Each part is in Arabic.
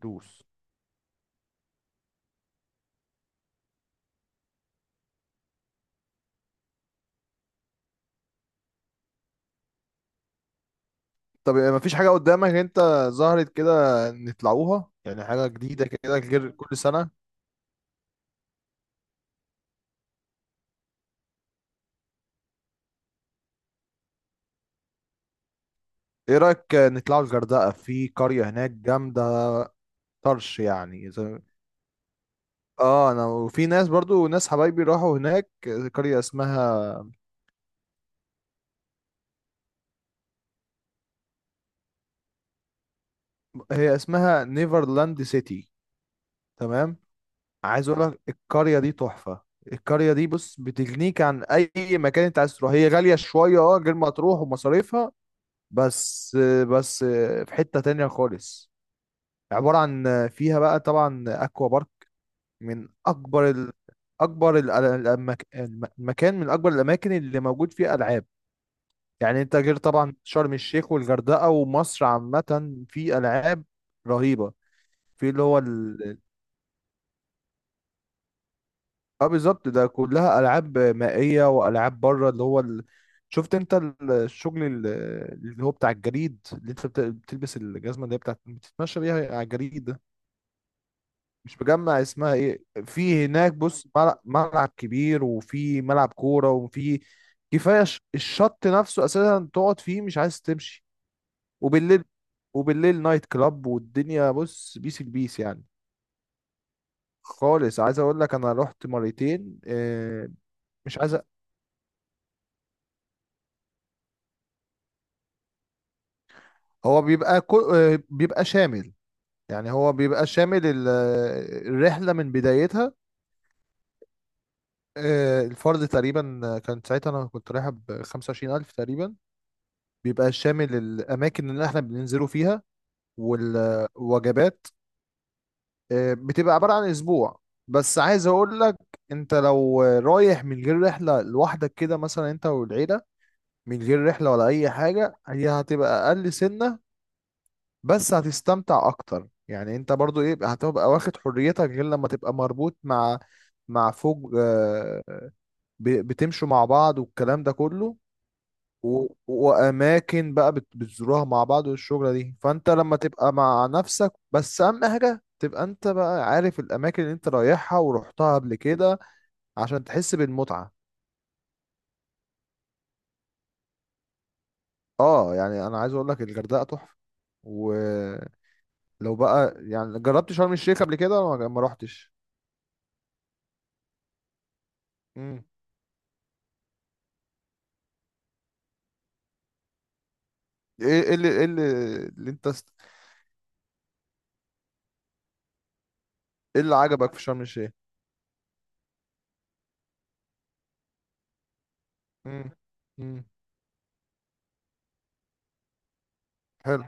دوس. طب ما فيش حاجة قدامك انت، ظهرت كده، نطلعوها يعني حاجة جديدة كده غير كل سنة. ايه رأيك نطلعوا الغردقة، في قرية هناك جامدة طرش يعني زي... اه انا وفي ناس برضو، ناس حبايبي راحوا هناك، قرية اسمها، هي اسمها نيفرلاند سيتي. تمام. عايز اقول لك القرية دي تحفة. القرية دي بص بتغنيك عن اي مكان انت عايز تروح، هي غالية شوية اه غير ما تروح ومصاريفها. بس بس في حتة تانية خالص، عبارة عن فيها بقى طبعا أكوا بارك، من أكبر ال... أكبر ال... المكان من أكبر الأماكن اللي موجود فيها ألعاب. يعني أنت غير طبعا شرم الشيخ والغردقة ومصر عامة في ألعاب رهيبة. في اللي هو ال... اه بالظبط ده كلها ألعاب مائية وألعاب بره اللي هو ال... شفت أنت الشغل، اللي هو بتاع الجريد اللي أنت بتلبس الجزمة، اللي هي بتاعت بتتمشى بيها على الجريد ده. مش مجمع اسمها ايه في هناك، بص ملعب كبير وفي ملعب كورة وفي، كفاية الشط نفسه اساسا تقعد فيه مش عايز تمشي. وبالليل، نايت كلاب، والدنيا بص بيس البيس يعني. خالص عايز اقول لك انا رحت مرتين. مش عايز هو بيبقى كل، بيبقى شامل. يعني هو بيبقى شامل الرحلة من بدايتها. الفرد تقريبا، كان ساعتها انا كنت رايحة ب 25,000 تقريبا. بيبقى شامل الاماكن اللي احنا بننزلوا فيها والوجبات. بتبقى عبارة عن اسبوع. بس عايز اقول لك، انت لو رايح من غير رحلة لوحدك كده مثلا، انت والعيلة من غير رحلة ولا اي حاجة، هي هتبقى اقل سنة. بس هتستمتع اكتر، يعني انت برضو ايه هتبقى واخد حريتك غير لما تبقى مربوط مع، مع فوج بتمشوا مع بعض والكلام ده كله. و... واماكن بقى بتزوروها مع بعض والشغله دي. فانت لما تبقى مع نفسك بس، اهم حاجه تبقى انت بقى عارف الاماكن اللي انت رايحها ورحتها قبل كده عشان تحس بالمتعه. اه يعني انا عايز اقول لك الغردقه تحفه. ولو بقى يعني جربت شرم الشيخ قبل كده ولا ما رحتش؟ امم. ايه، إيه اللي ايه اللي, اللي انت است...؟ ايه اللي عجبك في شرم الشيخ؟ امم. امم. حلو.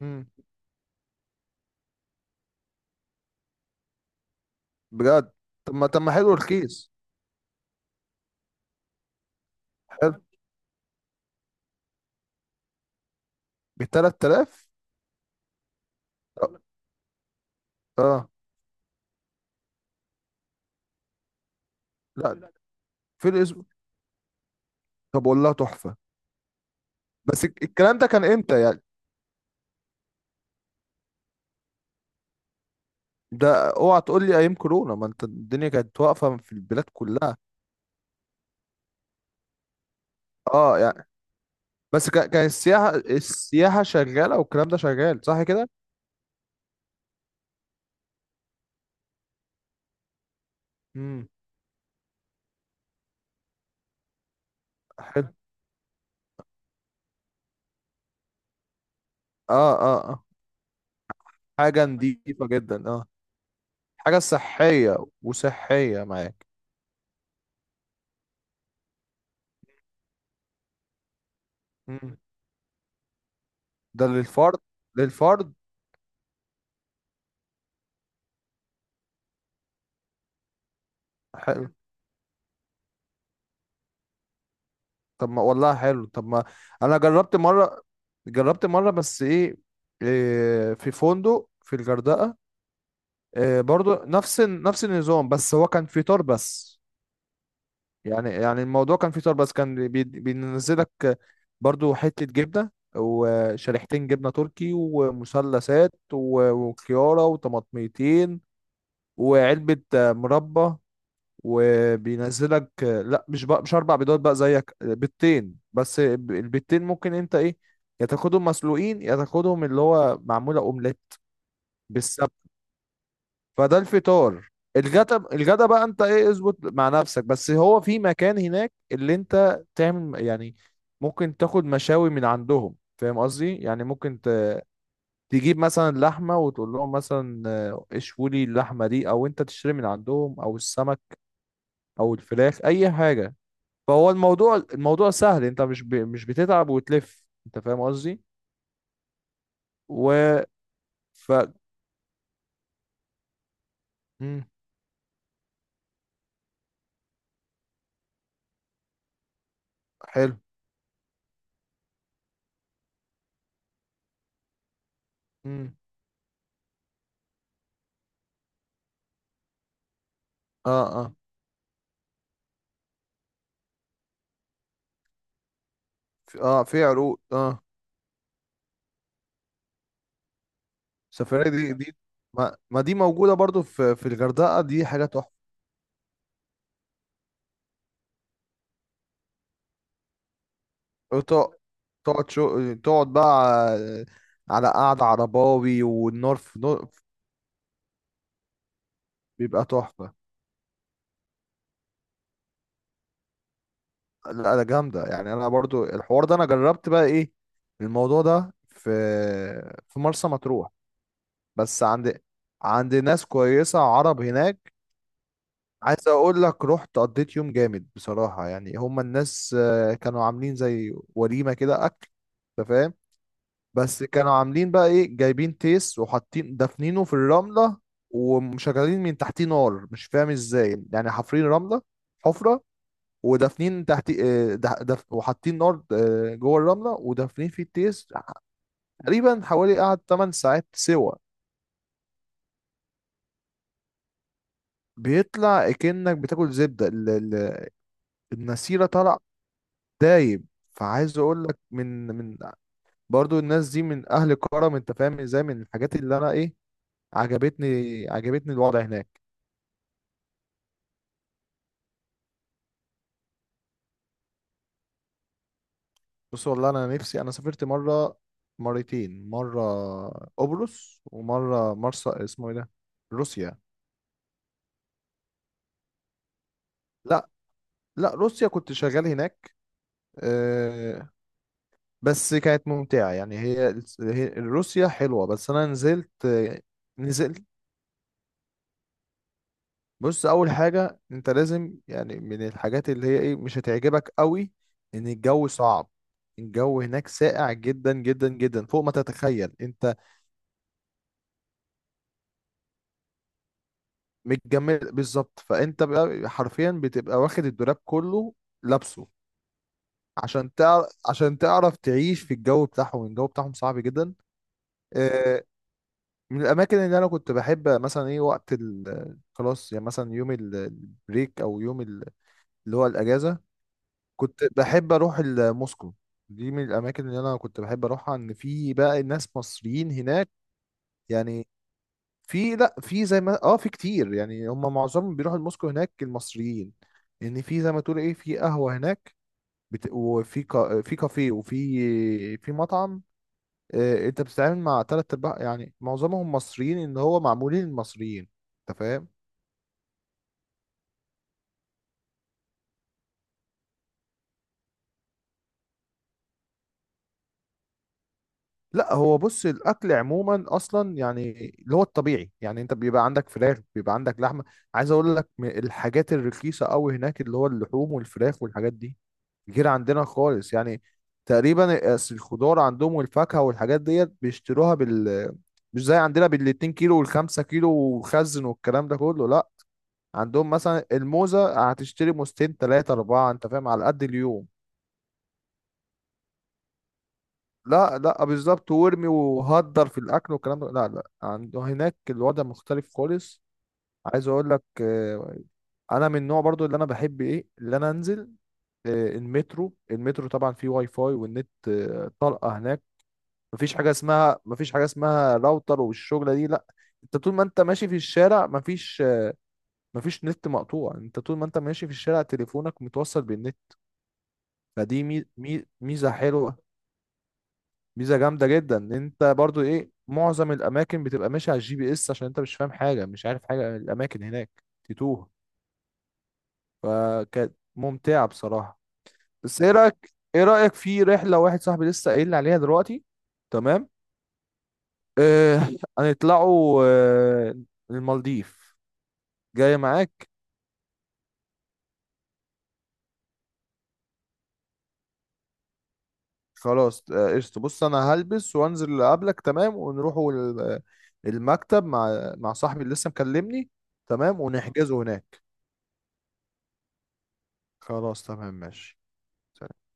امم. بجد؟ طب ما، حلو رخيص. حلو، ب 3000؟ اه. لا، في الاسبوع؟ طب والله تحفه. بس الكلام ده كان امتى يعني؟ ده اوعى تقول لي ايام كورونا، ما انت الدنيا كانت واقفه في البلاد كلها. اه يعني، بس كان السياحه، السياحه شغاله والكلام ده شغال صح كده؟ امم. حلو. اه اه اه. حاجه نضيفه جدا، اه. حاجه صحيه، وصحيه معاك. امم. ده للفرد؟ للفرد. حلو. طب ما والله حلو، طب ما انا جربت مره، بس ايه، في فندق في الغردقه. برضو نفس النظام، بس هو كان في تار بس. يعني يعني الموضوع كان في تار بس، كان بينزلك برضو حتة جبنة وشريحتين جبنة تركي ومثلثات و- وكيارة وطماطميتين وعلبة مربى، وبينزلك لا مش بقى مش اربع بيضات بقى زيك، بيضتين بس. البيضتين ممكن انت ايه، يا تاخدهم مسلوقين يا تاخدهم اللي هو معمولة اومليت. فده الفطار. الغدا، الغدا بقى انت ايه اظبط مع نفسك، بس هو في مكان هناك اللي انت تعمل يعني، ممكن تاخد مشاوي من عندهم، فاهم قصدي؟ يعني ممكن تجيب مثلا لحمة وتقول لهم مثلا، اشوي لي اللحمة دي، او انت تشتري من عندهم، او السمك او الفراخ اي حاجة. فهو الموضوع، الموضوع سهل، انت مش بتتعب وتلف، انت فاهم قصدي. و، ف، مم. حلو. مم. اه اه. في عروق اه. السفرية دي، دي، ما, ما دي موجودة برضو في، في الغردقة، دي حاجة تحفة. تق- تقعد شو، تقعد بقى على، على قعدة عرباوي والنار في نو... بيبقى تحفة. لا لا، جامدة يعني. أنا برضو الحوار ده أنا جربت بقى، إيه، الموضوع ده في، في مرسى مطروح، بس عند، عند ناس كويسة عرب هناك. عايز أقول لك رحت قضيت يوم جامد بصراحة. يعني هما الناس كانوا عاملين زي وليمة كده أكل، أنت فاهم؟ بس كانوا عاملين بقى ايه، جايبين تيس وحاطين دافنينه في الرملة، ومشغلين من تحتيه نار، مش فاهم ازاي يعني، حافرين رملة حفرة ودافنين تحت وحاطين نار جوه الرملة ودافنين فيه التيس. تقريبا حوالي قعد 8 ساعات سوا. بيطلع كأنك بتاكل زبدة النسيرة، طلع دايب. فعايز اقول لك من، من برضو الناس دي من اهل كرم، انت فاهم ازاي؟ من الحاجات اللي انا ايه، عجبتني، عجبتني الوضع هناك. بص والله انا نفسي، انا سافرت مره، مرتين مره قبرص ومره مرسى اسمه ايه ده، روسيا. لا لا، روسيا كنت شغال هناك. آه، بس كانت ممتعه يعني، هي روسيا حلوه، بس انا نزلت نزلت. بص اول حاجه انت لازم يعني، من الحاجات اللي هي ايه مش هتعجبك قوي، ان الجو صعب. الجو هناك ساقع جدا جدا جدا فوق ما تتخيل انت، متجمد بالظبط. فانت بقى حرفيا بتبقى واخد الدولاب كله لابسه عشان تعرف، عشان تعرف تعيش في الجو بتاعهم. الجو بتاعهم صعب جدا. آه، من الاماكن اللي انا كنت بحب مثلا ايه وقت خلاص يعني مثلا يوم البريك او يوم اللي هو الاجازه، كنت بحب اروح موسكو. دي من الاماكن اللي انا كنت بحب اروحها، ان في بقى ناس مصريين هناك يعني. في، لا في زي ما اه في كتير يعني، هم معظمهم بيروحوا لموسكو هناك المصريين. ان في زي ما تقول ايه، في قهوة هناك، في كافيه وفي، في مطعم. آه انت بتتعامل مع تلات ارباع يعني معظمهم مصريين، ان هو معمولين المصريين، انت فاهم. لا هو بص الاكل عموما اصلا يعني، اللي هو الطبيعي يعني، انت بيبقى عندك فراخ بيبقى عندك لحمه. عايز اقول لك الحاجات الرخيصه قوي هناك اللي هو اللحوم والفراخ والحاجات دي، غير عندنا خالص يعني. تقريبا أصل الخضار عندهم والفاكهه والحاجات ديت بيشتروها بال، مش زي عندنا بالاتنين كيلو والخمسة كيلو وخزن والكلام ده كله لا. عندهم مثلا الموزه هتشتري موزتين تلاتة اربعه، انت فاهم، على قد اليوم. لا لا بالظبط، وارمي وهدر في الاكل والكلام ده لا لا، عنده هناك الوضع مختلف خالص. عايز اقول لك انا من النوع برضو اللي انا بحب ايه اللي انا انزل المترو. المترو طبعا فيه واي فاي، والنت طلقه هناك. مفيش حاجه اسمها، مفيش حاجه اسمها راوتر والشغله دي لا. انت طول ما انت ماشي في الشارع مفيش مفيش نت مقطوع، انت طول ما انت ماشي في الشارع تليفونك متوصل بالنت. فدي ميزه حلوه. ميزه جامده جدا. ان انت برضو ايه معظم الاماكن بتبقى ماشي على GPS، عشان انت مش فاهم حاجه، مش عارف حاجه عن الاماكن هناك، تتوه. فكانت ممتعه بصراحه. بس ايه رايك، ايه رايك في رحله واحد صاحبي لسه قايل لي عليها دلوقتي؟ تمام. آه هنطلعوا آه، المالديف، جاي معاك؟ خلاص قشطه. بص انا هلبس وانزل اقابلك، تمام؟ ونروحوا المكتب مع، مع صاحبي اللي لسه مكلمني، تمام، ونحجزه هناك. خلاص تمام ماشي.